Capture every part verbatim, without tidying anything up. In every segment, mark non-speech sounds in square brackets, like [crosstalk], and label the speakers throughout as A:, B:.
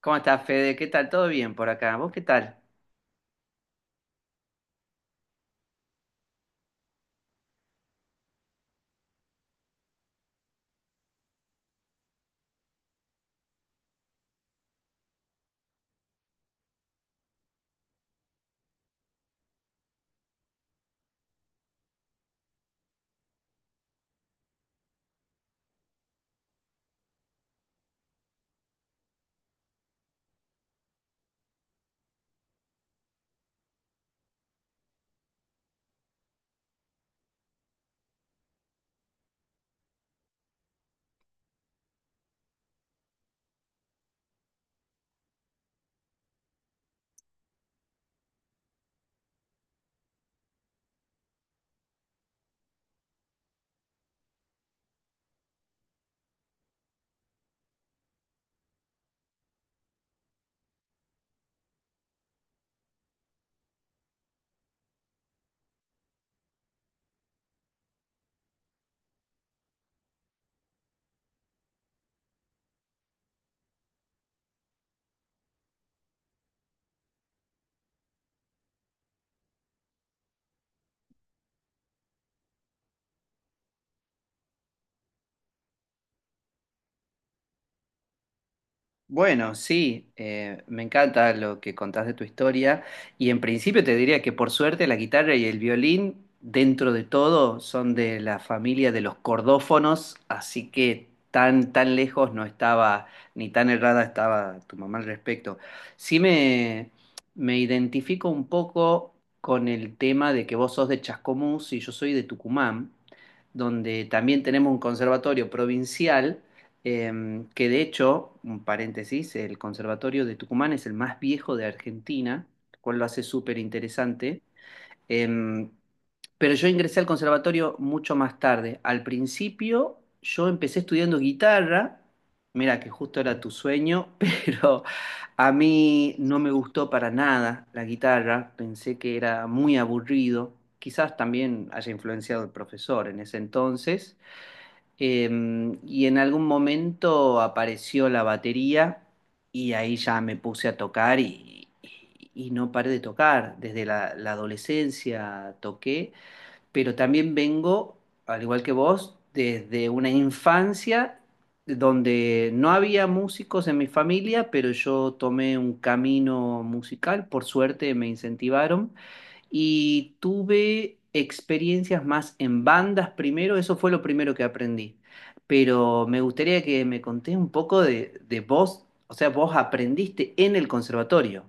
A: ¿Cómo estás, Fede? ¿Qué tal? ¿Todo bien por acá? ¿Vos qué tal? Bueno, sí, eh, me encanta lo que contás de tu historia y en principio te diría que por suerte la guitarra y el violín, dentro de todo, son de la familia de los cordófonos, así que tan, tan lejos no estaba, ni tan errada estaba tu mamá al respecto. Sí me, Me identifico un poco con el tema de que vos sos de Chascomús y yo soy de Tucumán, donde también tenemos un conservatorio provincial. Em, que de hecho, un paréntesis, el Conservatorio de Tucumán es el más viejo de Argentina, lo cual lo hace súper interesante. Em, pero yo ingresé al conservatorio mucho más tarde. Al principio yo empecé estudiando guitarra, mira que justo era tu sueño, [laughs] pero a mí no me gustó para nada la guitarra, pensé que era muy aburrido. Quizás también haya influenciado el profesor en ese entonces. Em, y en algún momento apareció la batería y ahí ya me puse a tocar y, y- y no paré de tocar. Desde la, la adolescencia toqué, pero también vengo, al igual que vos, desde una infancia donde no había músicos en mi familia, pero yo tomé un camino musical, por suerte me incentivaron y tuve experiencias más en bandas primero, eso fue lo primero que aprendí. Pero me gustaría que me contés un poco de, de vos, o sea, vos aprendiste en el conservatorio.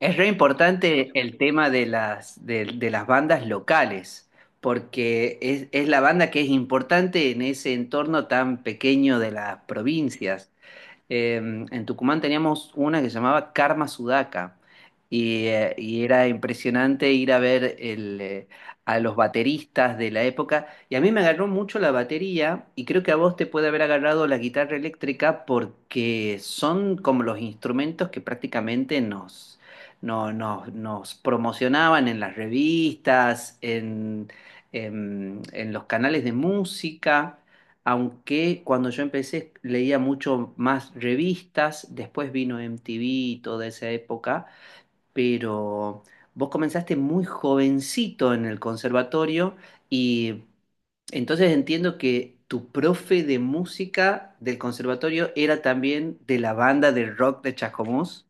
A: Es re importante el tema de las, de, de las bandas locales, porque es, es la banda que es importante en ese entorno tan pequeño de las provincias. eh, en Tucumán teníamos una que se llamaba Karma Sudaca y, eh, y era impresionante ir a ver el, eh, a los bateristas de la época y a mí me agarró mucho la batería y creo que a vos te puede haber agarrado la guitarra eléctrica porque son como los instrumentos que prácticamente nos, no- nos, nos promocionaban en las revistas, en en- en los canales de música, aunque cuando yo empecé leía mucho más revistas, después vino M T V y toda esa época, pero vos comenzaste muy jovencito en el conservatorio y entonces entiendo que tu profe de música del conservatorio era también de la banda de rock de Chascomús.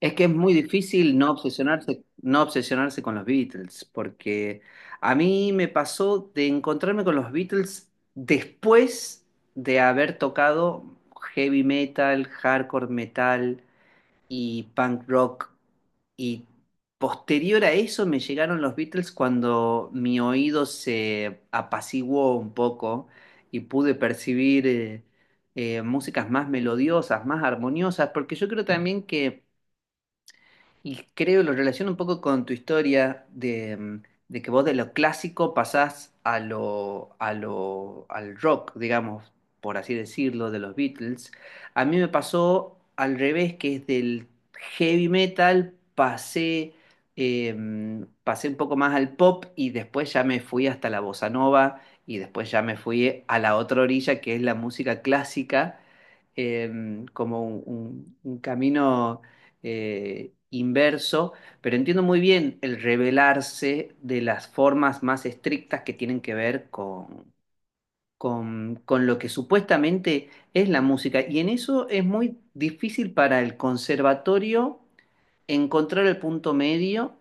A: Es que es muy difícil no obsesionarse, no obsesionarse con los Beatles, porque a mí me pasó de encontrarme con los Beatles después de haber tocado heavy metal, hardcore metal y punk rock. Y posterior a eso me llegaron los Beatles cuando mi oído se apaciguó un poco y pude percibir eh, eh, músicas más melodiosas, más armoniosas, porque yo creo también que, y creo, lo relaciono un poco con tu historia de, mm, de que vos de lo clásico pasás a lo, a lo, al rock, digamos, por así decirlo, de los Beatles. A mí me pasó al revés, que es del heavy metal pasé, eh, mm, pasé un poco más al pop y después ya me fui hasta la bossa nova y después ya me fui a la otra orilla, que es la música clásica, eh, mm, como un un- un camino eh, inverso, pero entiendo muy bien el revelarse de las formas más estrictas que tienen que ver con, con, con lo que supuestamente es la música. Y en eso es muy difícil para el conservatorio encontrar el punto medio,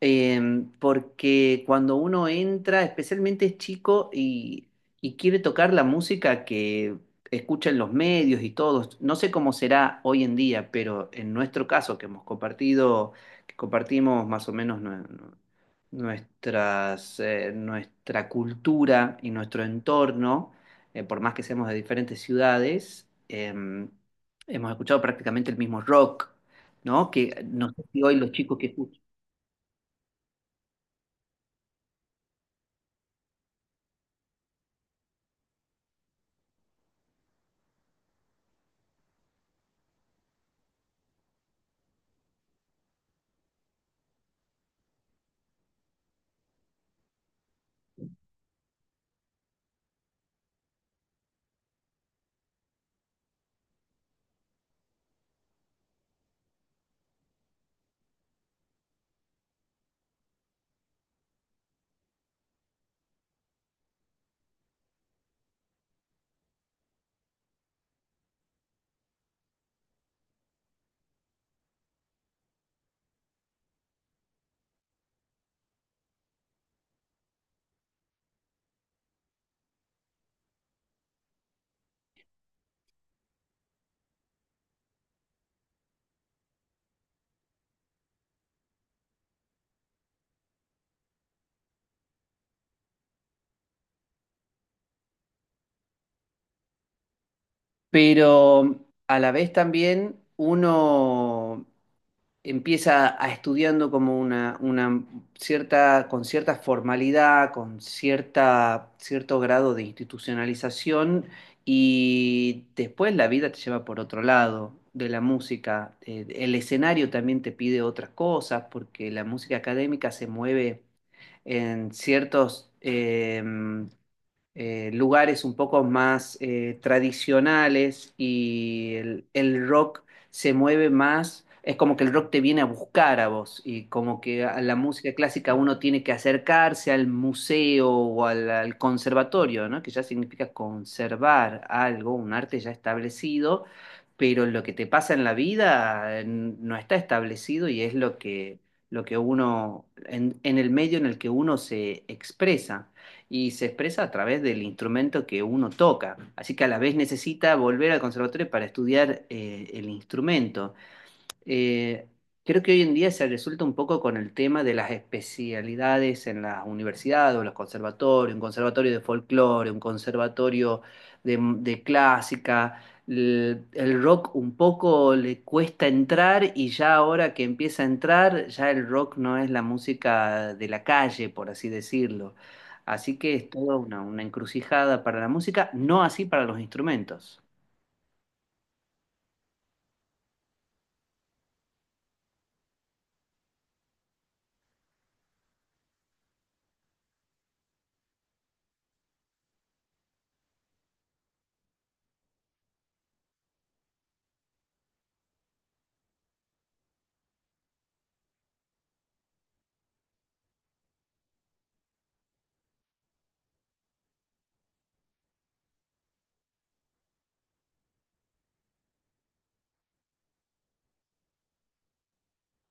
A: eh, porque cuando uno entra, especialmente es chico y, y quiere tocar la música que escuchan los medios y todos, no sé cómo será hoy en día, pero en nuestro caso, que hemos compartido, que compartimos más o menos nue- nue- nuestras, eh, nuestra cultura y nuestro entorno, eh, por más que seamos de diferentes ciudades, em, hemos escuchado prácticamente el mismo rock. ¿No? Que no sé si hoy los chicos que escuchan. Pero a la vez también uno empieza a estudiando como una, una cierta, con cierta formalidad, con cierta, cierto grado de institucionalización y después la vida te lleva por otro lado de la música. Eh, El escenario también te pide otras cosas porque la música académica se mueve en ciertos... em, eh, lugares un poco más eh, tradicionales y el, el rock se mueve más, es como que el rock te viene a buscar a vos y como que a la música clásica uno tiene que acercarse al museo o al, al conservatorio, ¿no? Que ya significa conservar algo, un arte ya establecido, pero lo que te pasa en la vida eh, no está establecido y es lo que, lo que uno, en en el medio en el que uno se expresa y se expresa a través del instrumento que uno toca. Así que a la vez necesita volver al conservatorio para estudiar eh, el instrumento. Eh, creo que hoy en día se resulta un poco con el tema de las especialidades en las universidades o los conservatorios, un conservatorio de folclore, un conservatorio de, de clásica. El, el rock un poco le cuesta entrar y ya ahora que empieza a entrar, ya el rock no es la música de la calle, por así decirlo. Así que es toda una, una encrucijada para la música, no así para los instrumentos.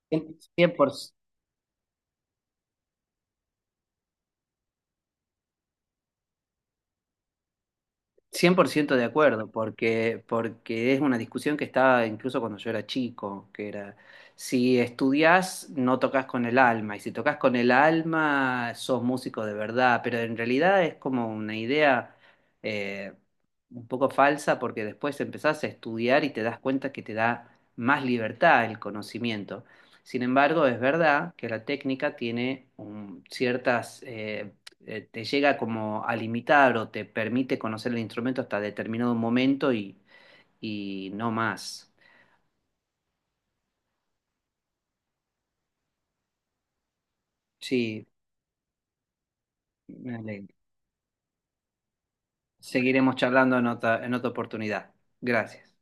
A: cien por ciento, cien por ciento de acuerdo, porque, porque es una discusión que estaba incluso cuando yo era chico, que era, si estudias no tocas con el alma, y si tocas con el alma sos músico de verdad, pero en realidad es como una idea eh, un poco falsa porque después empezás a estudiar y te das cuenta que te da más libertad el conocimiento. Sin embargo, es verdad que la técnica tiene un- ciertas eh, eh, te llega como a limitar o te permite conocer el instrumento hasta determinado momento y, y no más. Sí, me alegro. Seguiremos charlando en otra, en otra oportunidad. Gracias.